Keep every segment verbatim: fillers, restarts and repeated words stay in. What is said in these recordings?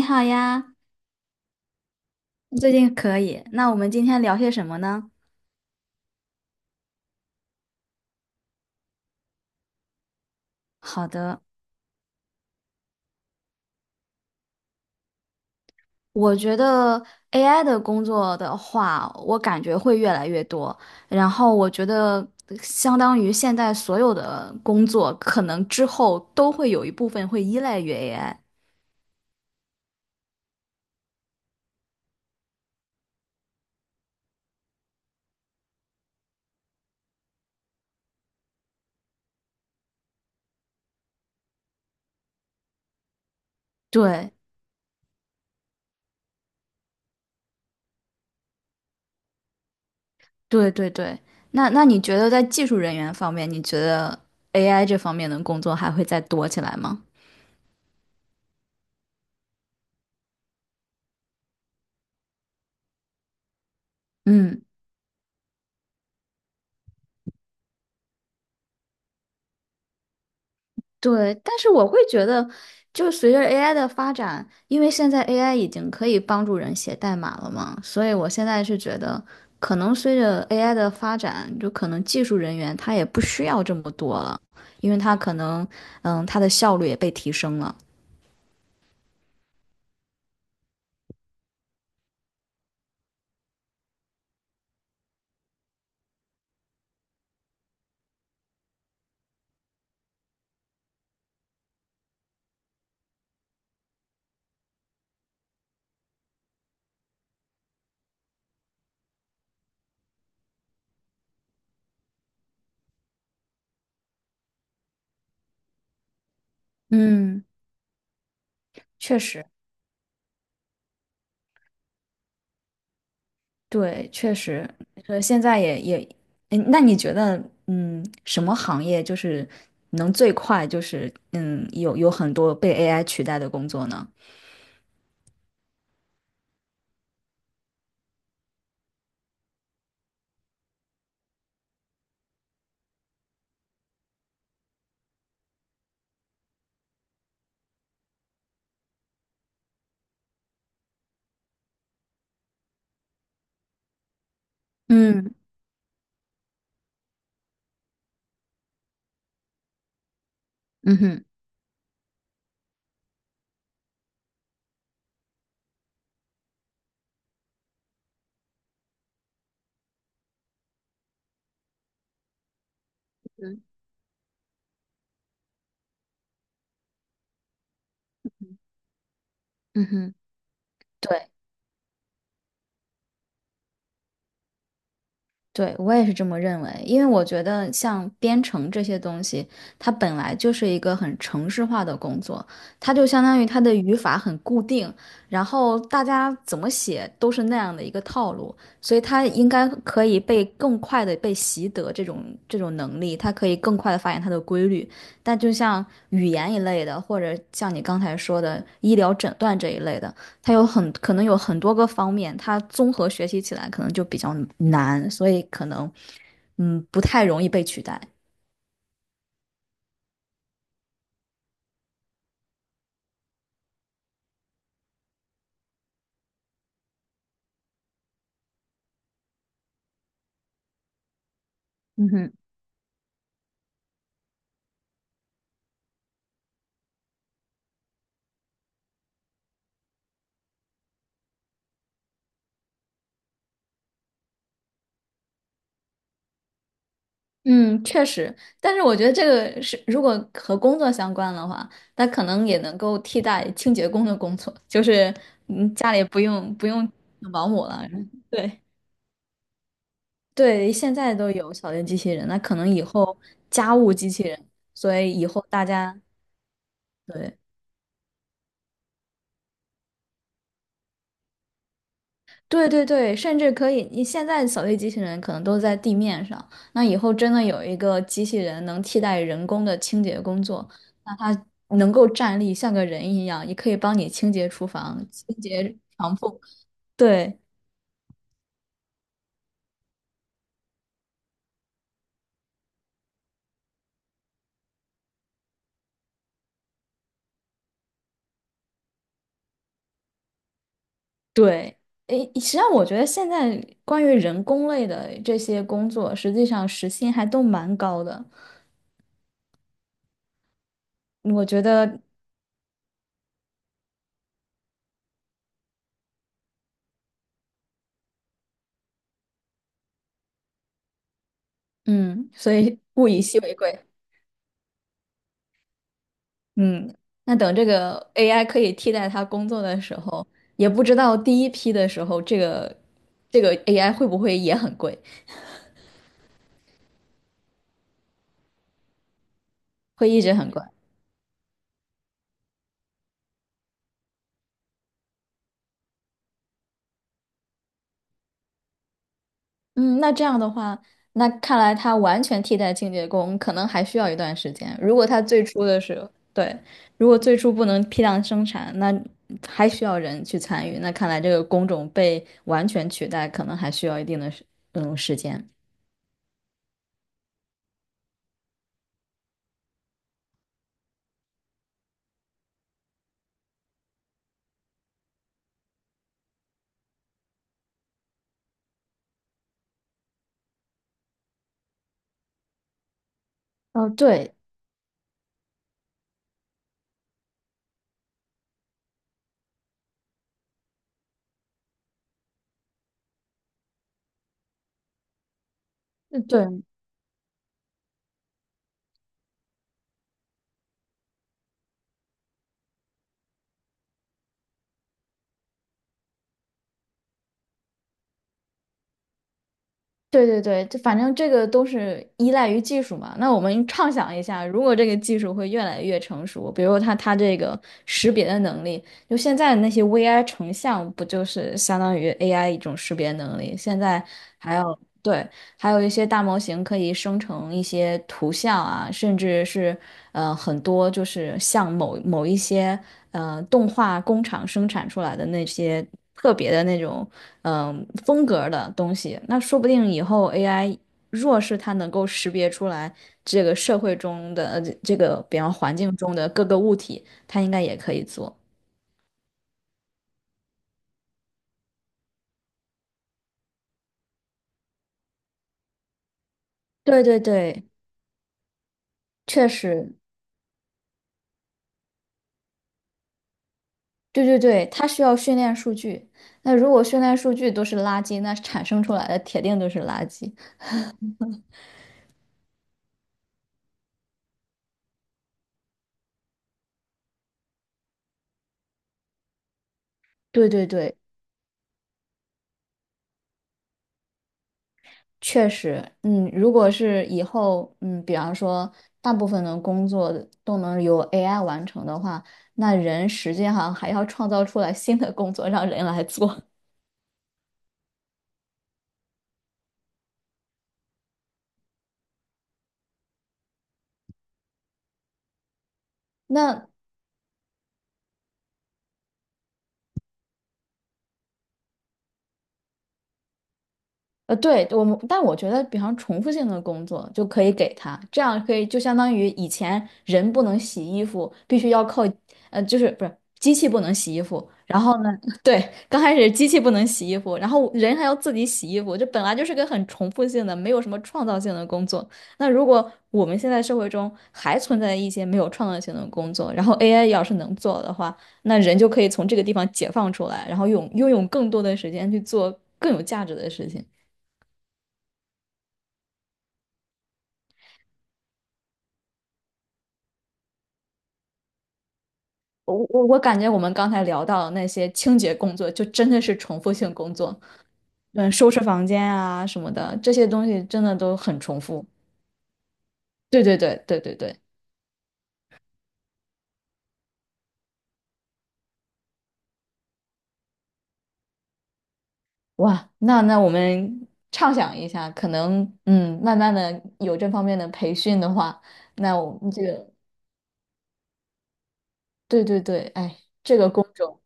你好呀，最近可以。那我们今天聊些什么呢？好的。我觉得 A I 的工作的话，我感觉会越来越多。然后我觉得，相当于现在所有的工作，可能之后都会有一部分会依赖于 A I。对，对，对，对。那那你觉得在技术人员方面，你觉得 A I 这方面的工作还会再多起来吗？嗯，对，但是我会觉得，就随着 A I 的发展，因为现在 A I 已经可以帮助人写代码了嘛，所以我现在是觉得，可能随着 A I 的发展，就可能技术人员他也不需要这么多了，因为他可能，嗯，他的效率也被提升了。嗯，确实。对，确实。呃，现在也也，嗯，那你觉得，嗯，什么行业就是能最快就是，嗯，有有很多被 A I 取代的工作呢？嗯。嗯哼。嗯哼。对对，我也是这么认为，因为我觉得像编程这些东西，它本来就是一个很程式化的工作，它就相当于它的语法很固定，然后大家怎么写都是那样的一个套路，所以它应该可以被更快的被习得这种这种能力，它可以更快的发现它的规律。但就像语言一类的，或者像你刚才说的医疗诊断这一类的。它有很可能有很多个方面，它综合学习起来可能就比较难，所以可能嗯不太容易被取代。嗯哼。嗯，确实，但是我觉得这个是如果和工作相关的话，那可能也能够替代清洁工的工作，就是嗯家里不用不用保姆了。对对，现在都有扫地机器人，那可能以后家务机器人，所以以后大家对。对对对，甚至可以，你现在扫地机器人可能都在地面上，那以后真的有一个机器人能替代人工的清洁工作，那它能够站立像个人一样，也可以帮你清洁厨房、清洁床铺。对对，诶，实际上我觉得现在关于人工类的这些工作，实际上时薪还都蛮高的，我觉得，嗯，所以物以稀为贵。嗯，那等这个 A I 可以替代他工作的时候，也不知道第一批的时候，这个这个 A I 会不会也很贵，会一直很贵。嗯，那这样的话，那看来它完全替代清洁工可能还需要一段时间。如果它最初的时候，对，如果最初不能批量生产，那还需要人去参与。那看来这个工种被完全取代，可能还需要一定的时嗯时间。哦，对。嗯，对。对对对，就反正这个都是依赖于技术嘛。那我们畅想一下，如果这个技术会越来越成熟，比如它它这个识别的能力，就现在的那些 V I 成像不就是相当于 A I 一种识别能力？现在还要，对，还有一些大模型可以生成一些图像啊，甚至是呃很多就是像某某一些呃动画工厂生产出来的那些特别的那种嗯、呃风格的东西。那说不定以后 A I 若是它能够识别出来这个社会中的呃这这个比方环境中的各个物体，它应该也可以做。对对对，确实。对对对，它需要训练数据。那如果训练数据都是垃圾，那产生出来的铁定都是垃圾。对对对，确实，嗯，如果是以后，嗯，比方说大部分的工作都能由 A I 完成的话，那人实际上还要创造出来新的工作让人来做。那呃，对，我们，但我觉得，比方重复性的工作就可以给他，这样可以就相当于以前人不能洗衣服，必须要靠，呃，就是不是机器不能洗衣服，然后呢，对，刚开始机器不能洗衣服，然后人还要自己洗衣服，这本来就是个很重复性的，没有什么创造性的工作。那如果我们现在社会中还存在一些没有创造性的工作，然后 A I 要是能做的话，那人就可以从这个地方解放出来，然后用拥有更多的时间去做更有价值的事情。我我我感觉我们刚才聊到的那些清洁工作，就真的是重复性工作，嗯，收拾房间啊什么的，这些东西真的都很重复。对对对对对对。哇，那那我们畅想一下，可能嗯，慢慢的有这方面的培训的话，那我们这个对对对，哎，这个工种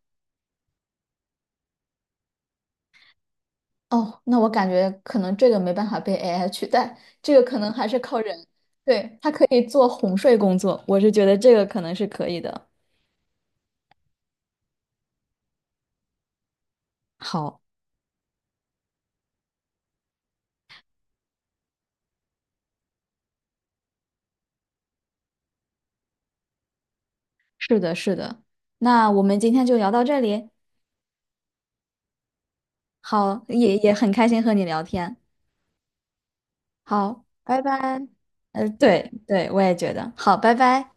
哦，那我感觉可能这个没办法被 A I 取代，这个可能还是靠人，对，它可以做哄睡工作，我是觉得这个可能是可以的。好。是的，是的。那我们今天就聊到这里。好，也也很开心和你聊天。好，拜拜。呃，对对，我也觉得。好，拜拜。